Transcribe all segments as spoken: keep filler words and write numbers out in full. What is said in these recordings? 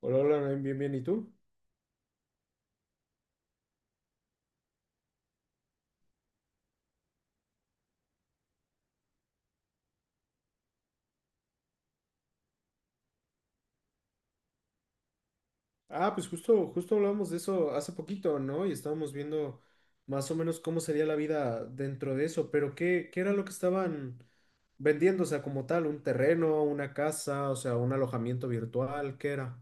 Hola, hola, Naim, bien, bien, ¿y tú? Ah, pues justo, justo hablamos de eso hace poquito, ¿no? Y estábamos viendo más o menos cómo sería la vida dentro de eso, pero ¿qué, qué era lo que estaban vendiendo? O sea, como tal, un terreno, una casa, o sea, un alojamiento virtual, ¿qué era?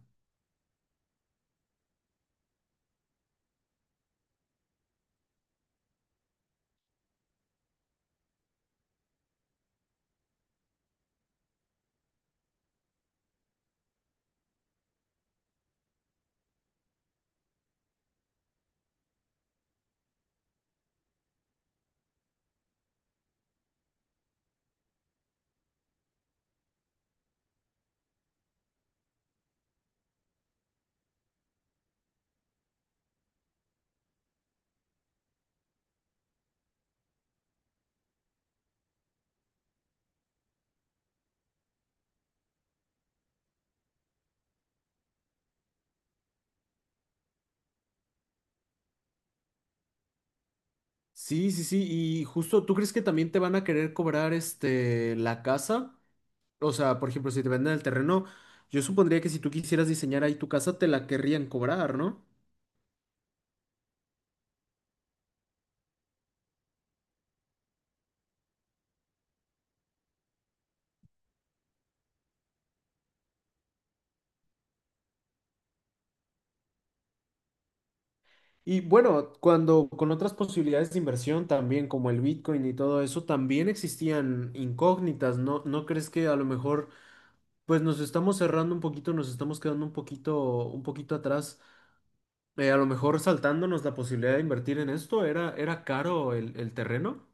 Sí, sí, sí, y justo, ¿tú crees que también te van a querer cobrar este la casa? O sea, por ejemplo, si te venden el terreno, yo supondría que si tú quisieras diseñar ahí tu casa, te la querrían cobrar, ¿no? Y bueno, cuando con otras posibilidades de inversión también, como el Bitcoin y todo eso, también existían incógnitas, ¿no? ¿No crees que a lo mejor pues nos estamos cerrando un poquito, nos estamos quedando un poquito, un poquito atrás? Eh, a lo mejor saltándonos la posibilidad de invertir en esto, era, era caro el, el terreno.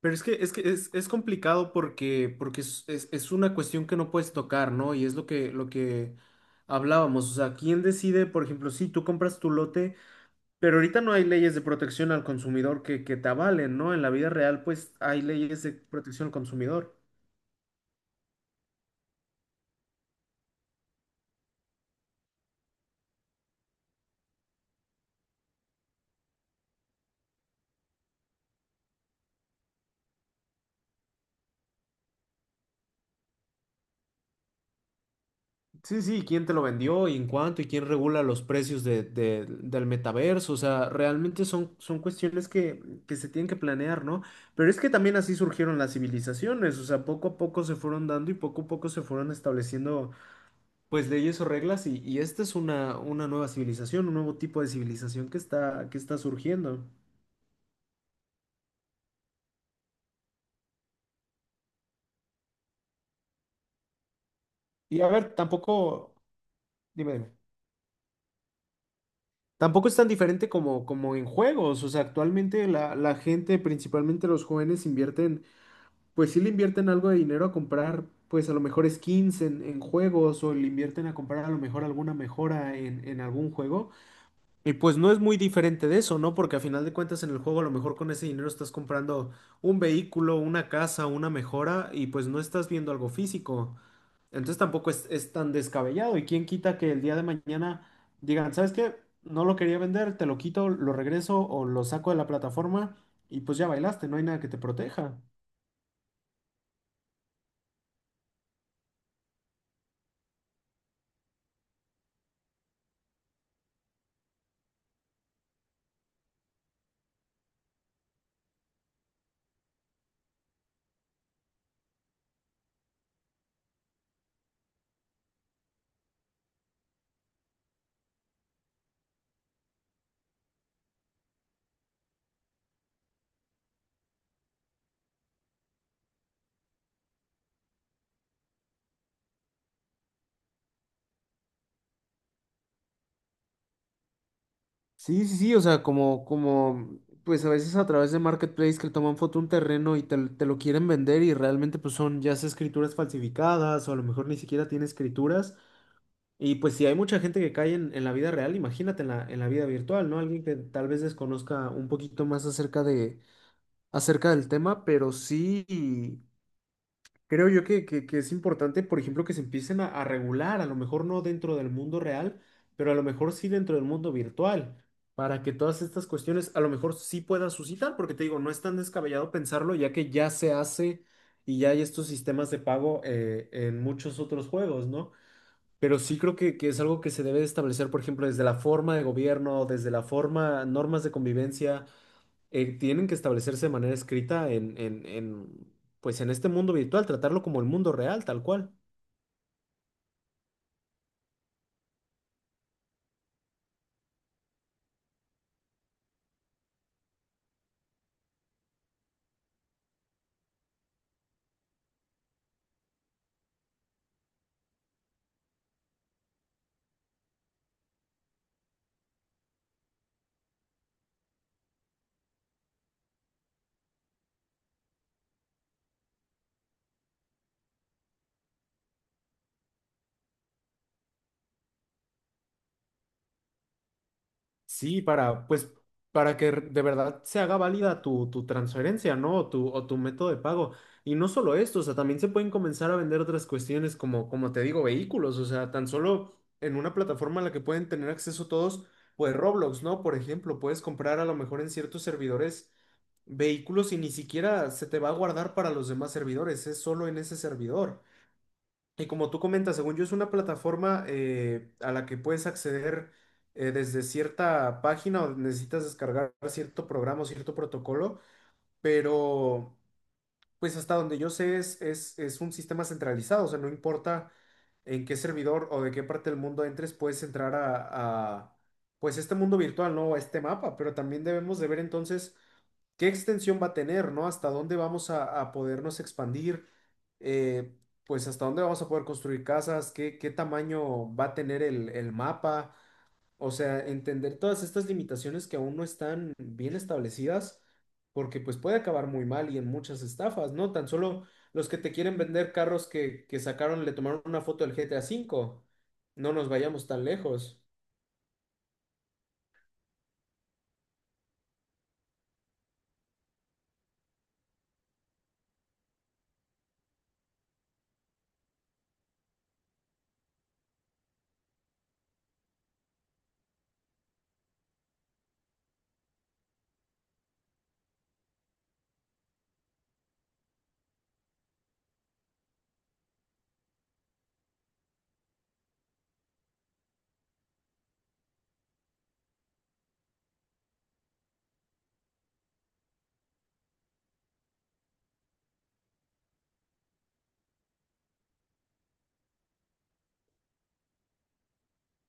Pero es que es que es, es complicado porque, porque es, es- es una cuestión que no puedes tocar, ¿no? Y es lo que, lo que hablábamos. O sea, ¿quién decide, por ejemplo, si tú compras tu lote? Pero ahorita no hay leyes de protección al consumidor que, que te avalen, ¿no? En la vida real, pues hay leyes de protección al consumidor. Sí, sí, ¿quién te lo vendió y en cuánto y quién regula los precios de, de- del metaverso? O sea, realmente son, son cuestiones que, que se tienen que planear, ¿no? Pero es que también así surgieron las civilizaciones, o sea, poco a poco se fueron dando y poco a poco se fueron estableciendo pues leyes o reglas y, y esta es una, una nueva civilización, un nuevo tipo de civilización que está, que está surgiendo. Y a ver, tampoco, dime, dime. Tampoco es tan diferente como, como en juegos, o sea, actualmente la, la gente, principalmente los jóvenes, invierten, pues sí le invierten algo de dinero a comprar, pues a lo mejor skins en, en juegos o le invierten a comprar a lo mejor alguna mejora en, en algún juego. Y pues no es muy diferente de eso, ¿no? Porque a final de cuentas en el juego a lo mejor con ese dinero estás comprando un vehículo, una casa, una mejora y pues no estás viendo algo físico. Entonces tampoco es, es tan descabellado. ¿Y quién quita que el día de mañana digan, ¿sabes qué? No lo quería vender, te lo quito, lo regreso o lo saco de la plataforma y pues ya bailaste, no hay nada que te proteja. Sí, sí, sí, o sea, como, como, pues a veces a través de marketplace que toman foto un terreno y te, l- te lo quieren vender y realmente pues son ya sea escrituras falsificadas o a lo mejor ni siquiera tiene escrituras. Y pues si hay mucha gente que cae en, en la vida real, imagínate en la, en la vida virtual, ¿no? Alguien que tal vez desconozca un poquito más acerca de, acerca del tema, pero sí creo yo que, que- que es importante, por ejemplo, que se empiecen a, a regular, a lo mejor no dentro del mundo real, pero a lo mejor sí dentro del mundo virtual, para que todas estas cuestiones a lo mejor sí puedan suscitar, porque te digo, no es tan descabellado pensarlo, ya que ya se hace y ya hay estos sistemas de pago eh, en muchos otros juegos, ¿no? Pero sí creo que, que es algo que se debe de establecer, por ejemplo, desde la forma de gobierno, desde la forma, normas de convivencia eh, tienen que establecerse de manera escrita en, en, en, pues en este mundo virtual, tratarlo como el mundo real, tal cual. Sí, para, pues, para que de verdad se haga válida tu, tu transferencia, ¿no? O tu, o tu método de pago. Y no solo esto, o sea, también se pueden comenzar a vender otras cuestiones como, como te digo, vehículos, o sea, tan solo en una plataforma a la que pueden tener acceso todos, pues Roblox, ¿no? Por ejemplo, puedes comprar a lo mejor en ciertos servidores vehículos y ni siquiera se te va a guardar para los demás servidores, es solo en ese servidor. Y como tú comentas, según yo es una plataforma eh, a la que puedes acceder eh, desde cierta página o necesitas descargar cierto programa o cierto protocolo, pero pues hasta donde yo sé es, es, es un sistema centralizado, o sea, no importa en qué servidor o de qué parte del mundo entres, puedes entrar a, a, pues este mundo virtual, ¿no? A este mapa, pero también debemos de ver entonces qué extensión va a tener, ¿no? Hasta dónde vamos a, a podernos expandir, eh, pues hasta dónde vamos a poder construir casas, qué, qué tamaño va a tener el, el mapa, o sea, entender todas estas limitaciones que aún no están bien establecidas, porque pues puede acabar muy mal y en muchas estafas, ¿no? Tan solo los que te quieren vender carros que, que sacaron, le tomaron una foto del GTA cinco, no nos vayamos tan lejos.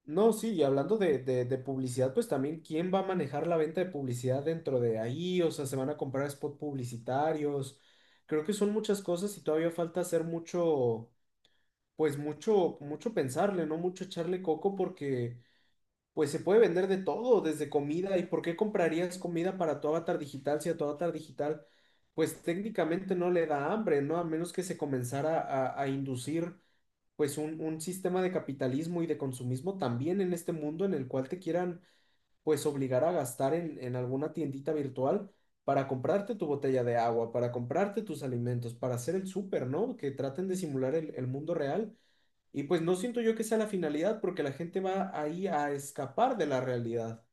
No, sí, y hablando de, de, de publicidad, pues también, ¿quién va a manejar la venta de publicidad dentro de ahí? O sea, se van a comprar spot publicitarios. Creo que son muchas cosas y todavía falta hacer mucho, pues mucho, mucho pensarle, ¿no? Mucho echarle coco porque, pues se puede vender de todo, desde comida. ¿Y por qué comprarías comida para tu avatar digital si a tu avatar digital, pues técnicamente no le da hambre, ¿no? A menos que se comenzara a, a inducir pues un, un sistema de capitalismo y de consumismo también en este mundo en el cual te quieran pues obligar a gastar en, en alguna tiendita virtual para comprarte tu botella de agua, para comprarte tus alimentos, para hacer el súper, ¿no? Que traten de simular el, el mundo real. Y pues no siento yo que sea la finalidad porque la gente va ahí a escapar de la realidad.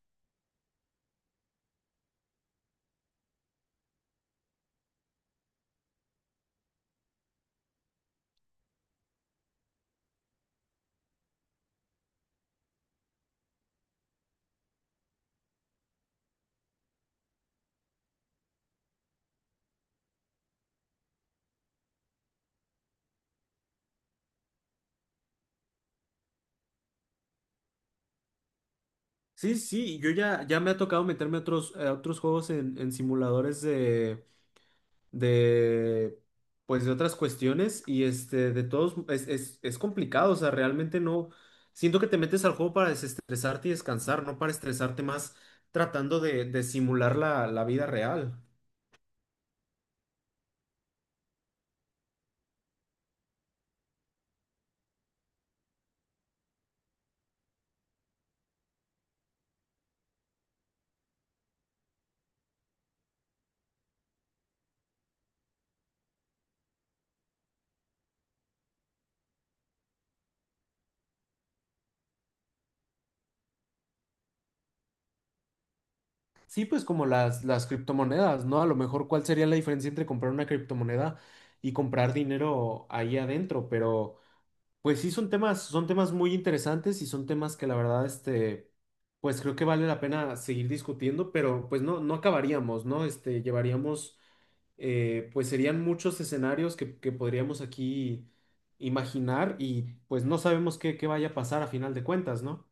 Sí, sí, yo ya, ya me ha tocado meterme a otros, a otros juegos en, en simuladores de de pues de otras cuestiones y este de todos es, es, es complicado, o sea, realmente no siento que te metes al juego para desestresarte y descansar, no para estresarte más tratando de, de simular la, la vida real. Sí, pues como las, las criptomonedas, ¿no? A lo mejor cuál sería la diferencia entre comprar una criptomoneda y comprar dinero ahí adentro, pero pues sí, son temas, son temas muy interesantes y son temas que la verdad, este, pues creo que vale la pena seguir discutiendo, pero pues no, no acabaríamos, ¿no? Este, llevaríamos, eh, pues serían muchos escenarios que, que podríamos aquí imaginar y pues no sabemos qué, qué vaya a pasar a final de cuentas, ¿no?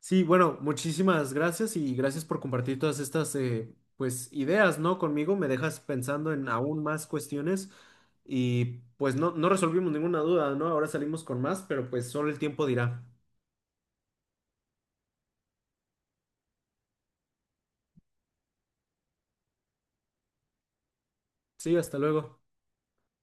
Sí, bueno, muchísimas gracias y gracias por compartir todas estas eh, pues ideas, ¿no? Conmigo me dejas pensando en aún más cuestiones y pues no, no resolvimos ninguna duda, ¿no? Ahora salimos con más, pero pues solo el tiempo dirá. Sí, hasta luego.